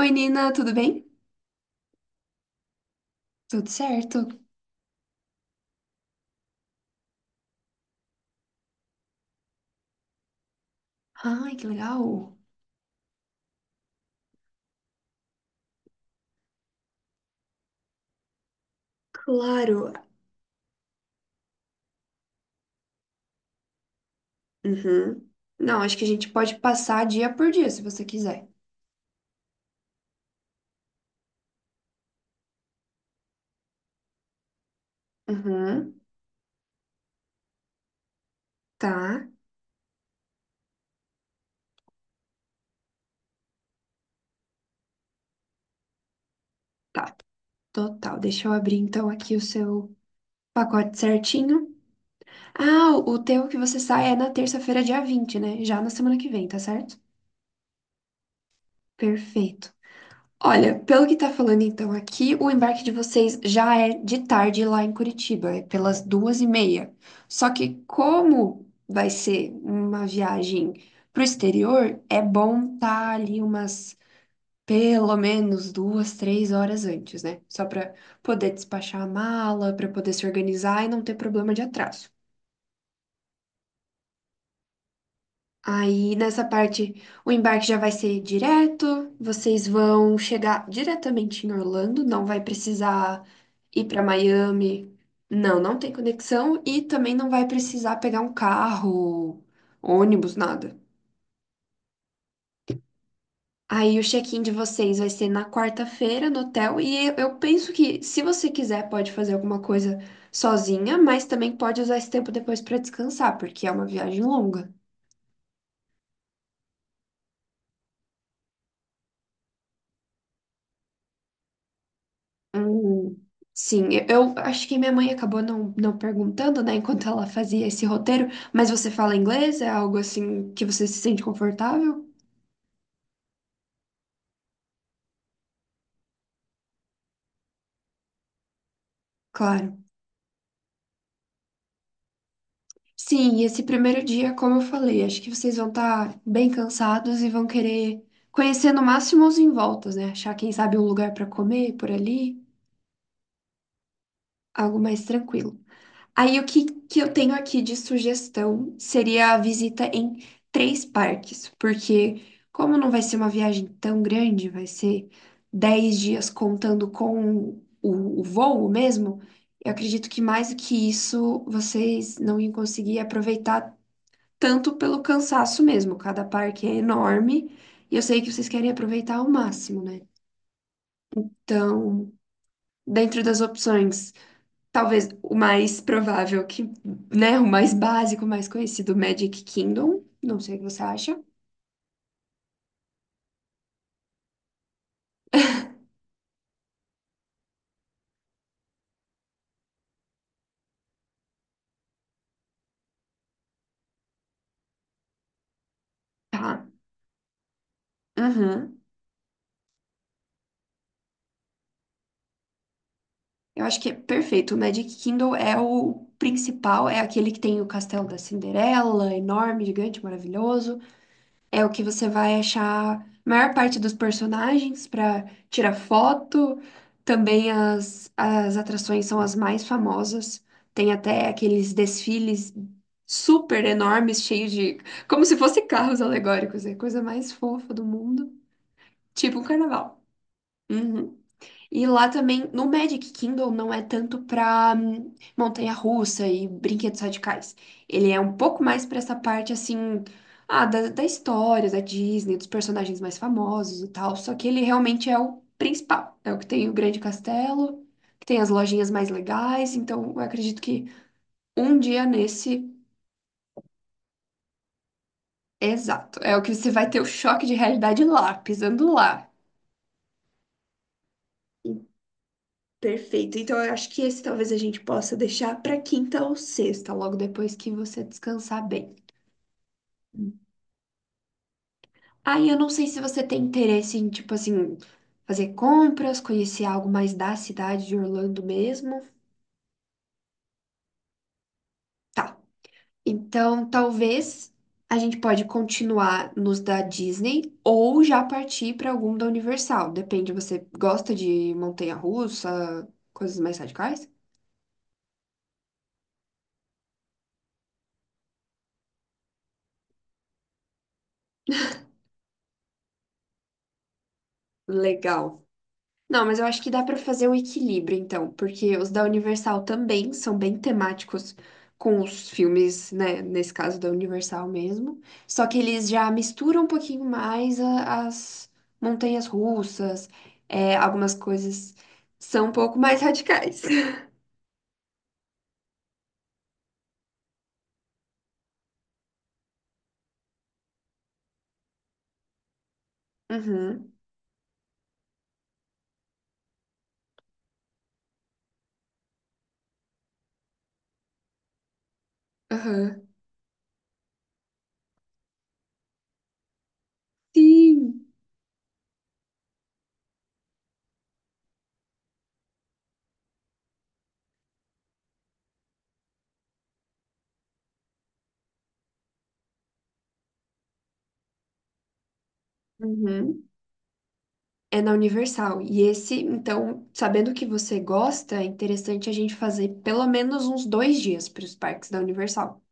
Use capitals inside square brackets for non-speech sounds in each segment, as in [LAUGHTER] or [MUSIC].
Oi, Nina, tudo bem? Tudo certo? Ai, que legal. Claro. Uhum. Não, acho que a gente pode passar dia por dia, se você quiser. Uhum. Tá, tá. Total. Deixa eu abrir então aqui o seu pacote certinho. Ah, o teu que você sai é na terça-feira, dia 20, né? Já na semana que vem, tá certo? Perfeito. Olha, pelo que tá falando então aqui, o embarque de vocês já é de tarde lá em Curitiba, é pelas 2h30. Só que como vai ser uma viagem pro exterior, é bom estar ali umas pelo menos 2, 3 horas antes, né? Só para poder despachar a mala, para poder se organizar e não ter problema de atraso. Aí nessa parte, o embarque já vai ser direto, vocês vão chegar diretamente em Orlando, não vai precisar ir para Miami. Não, não tem conexão e também não vai precisar pegar um carro, ônibus, nada. Aí o check-in de vocês vai ser na quarta-feira no hotel e eu penso que se você quiser pode fazer alguma coisa sozinha, mas também pode usar esse tempo depois para descansar, porque é uma viagem longa. Hum, sim, eu acho que minha mãe acabou não perguntando, né, enquanto ela fazia esse roteiro, mas você fala inglês? É algo assim que você se sente confortável? Claro. Sim, e esse primeiro dia, como eu falei, acho que vocês vão estar bem cansados e vão querer conhecer no máximo os envoltos, né? Achar, quem sabe, um lugar para comer por ali, algo mais tranquilo. Aí o que, que eu tenho aqui de sugestão seria a visita em três parques, porque como não vai ser uma viagem tão grande, vai ser 10 dias contando com o voo mesmo, eu acredito que mais do que isso vocês não iam conseguir aproveitar tanto pelo cansaço mesmo. Cada parque é enorme e eu sei que vocês querem aproveitar ao máximo, né? Então, dentro das opções. Talvez o mais provável que, né, o mais básico, o mais conhecido, Magic Kingdom. Não sei o que você acha. Tá. Uhum. Eu acho que é perfeito. O Magic Kingdom é o principal, é aquele que tem o Castelo da Cinderela, enorme, gigante, maravilhoso. É o que você vai achar a maior parte dos personagens para tirar foto. Também as atrações são as mais famosas. Tem até aqueles desfiles super enormes, cheios de. Como se fossem carros alegóricos. É a coisa mais fofa do mundo. Tipo um carnaval. Uhum. E lá também, no Magic Kingdom, não é tanto pra montanha-russa e brinquedos radicais. Ele é um pouco mais pra essa parte, assim, da, história, da Disney, dos personagens mais famosos e tal. Só que ele realmente é o principal. É o que tem o Grande Castelo, que tem as lojinhas mais legais. Então, eu acredito que um dia nesse, exato, é o que você vai ter o choque de realidade lá, pisando lá. Perfeito. Então, eu acho que esse talvez a gente possa deixar para quinta ou sexta, logo depois que você descansar bem. Aí, eu não sei se você tem interesse em, tipo assim, fazer compras, conhecer algo mais da cidade de Orlando mesmo. Tá. Então, talvez a gente pode continuar nos da Disney ou já partir para algum da Universal. Depende, você gosta de montanha-russa, coisas mais radicais? Legal. Não, mas eu acho que dá para fazer um equilíbrio, então, porque os da Universal também são bem temáticos com os filmes, né? Nesse caso da Universal mesmo. Só que eles já misturam um pouquinho mais as montanhas russas, é, algumas coisas são um pouco mais radicais. [LAUGHS] Uhum, aham. Sim. Uhum. É na Universal. E esse, então, sabendo que você gosta, é interessante a gente fazer pelo menos uns 2 dias para os parques da Universal,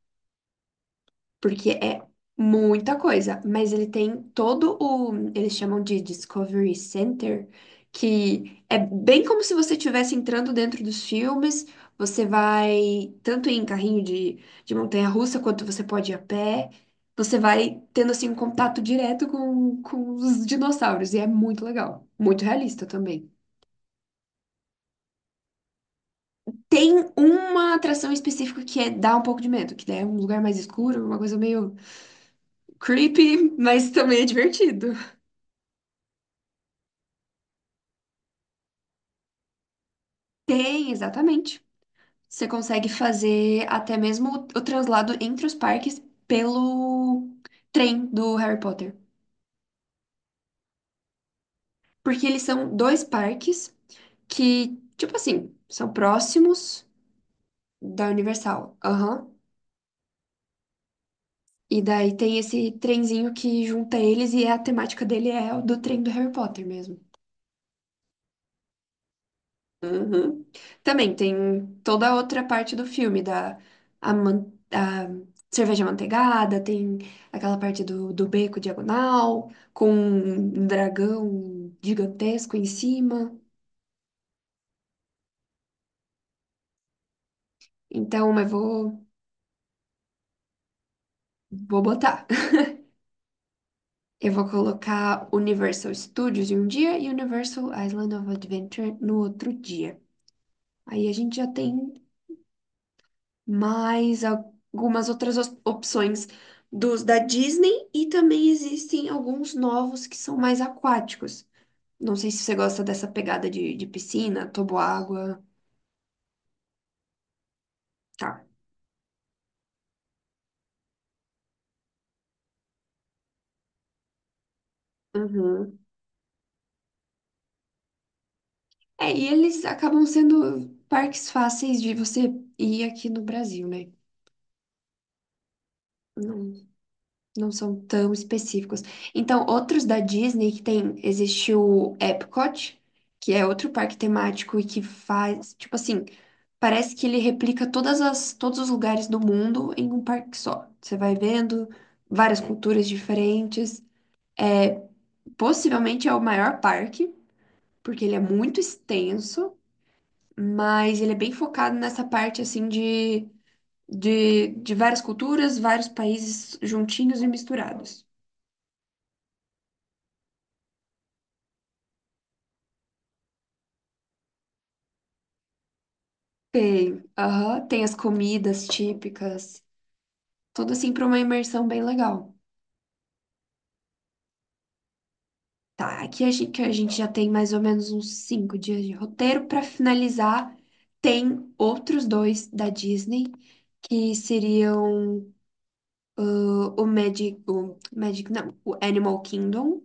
porque é muita coisa, mas ele tem todo o, eles chamam de Discovery Center, que é bem como se você estivesse entrando dentro dos filmes, você vai tanto em carrinho de, montanha-russa quanto você pode ir a pé, você vai tendo assim um contato direto com os dinossauros, e é muito legal, muito realista também. Tem uma atração específica que é dá um pouco de medo, que daí é um lugar mais escuro, uma coisa meio creepy, mas também é divertido. Tem, exatamente. Você consegue fazer até mesmo o translado entre os parques pelo trem do Harry Potter. Porque eles são dois parques que, tipo assim, são próximos da Universal. Aham. E daí tem esse trenzinho que junta eles e a temática dele é o do trem do Harry Potter mesmo. Uhum. Também tem toda a outra parte do filme, a cerveja manteigada, tem aquela parte do, beco diagonal, com um dragão gigantesco em cima. Então eu vou botar. [LAUGHS] Eu vou colocar Universal Studios em um dia e Universal Island of Adventure no outro dia. Aí a gente já tem mais algumas outras opções dos da Disney e também existem alguns novos que são mais aquáticos. Não sei se você gosta dessa pegada de piscina, toboágua. Tá. Uhum. É, e eles acabam sendo parques fáceis de você ir aqui no Brasil, né? Não, não são tão específicos. Então, outros da Disney que tem, existe o Epcot, que é outro parque temático e que faz, tipo assim, parece que ele replica todos os lugares do mundo em um parque só. Você vai vendo várias culturas diferentes. Possivelmente é o maior parque, porque ele é muito extenso, mas ele é bem focado nessa parte assim de várias culturas, vários países juntinhos e misturados. Tem, aham, tem as comidas típicas, tudo assim para uma imersão bem legal. Tá, aqui a gente, que a gente já tem mais ou menos uns 5 dias de roteiro. Para finalizar, tem outros dois da Disney, que seriam o Magic, o Magic, não, o Animal Kingdom.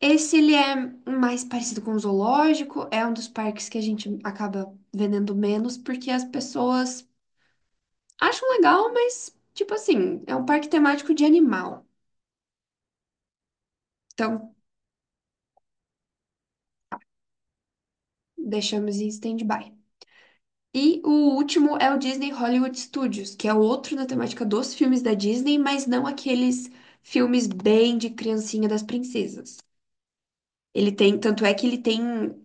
Esse ele é mais parecido com o zoológico, é um dos parques que a gente acaba vendendo menos, porque as pessoas acham legal, mas, tipo assim, é um parque temático de animal. Então, deixamos em stand-by. E o último é o Disney Hollywood Studios, que é outro na temática dos filmes da Disney, mas não aqueles filmes bem de criancinha das princesas. Ele tem, tanto é que ele tem,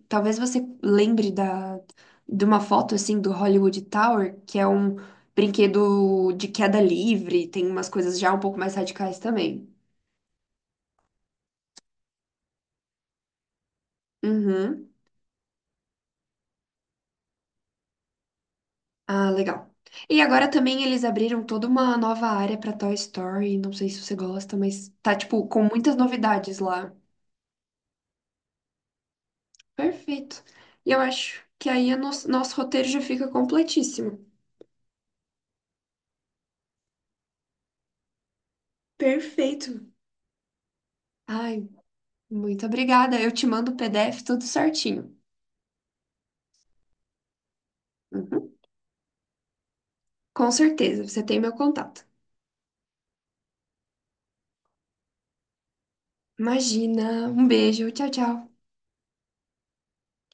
talvez você lembre da, de uma foto assim do Hollywood Tower, que é um brinquedo de queda livre, tem umas coisas já um pouco mais radicais também. Uhum. Ah, legal. E agora também eles abriram toda uma nova área para Toy Story, não sei se você gosta, mas tá tipo com muitas novidades lá. Perfeito. E eu acho que aí o nosso roteiro já fica completíssimo. Perfeito. Ai, muito obrigada. Eu te mando o PDF tudo certinho. Uhum. Com certeza, você tem meu contato. Imagina. Um beijo. Tchau, tchau.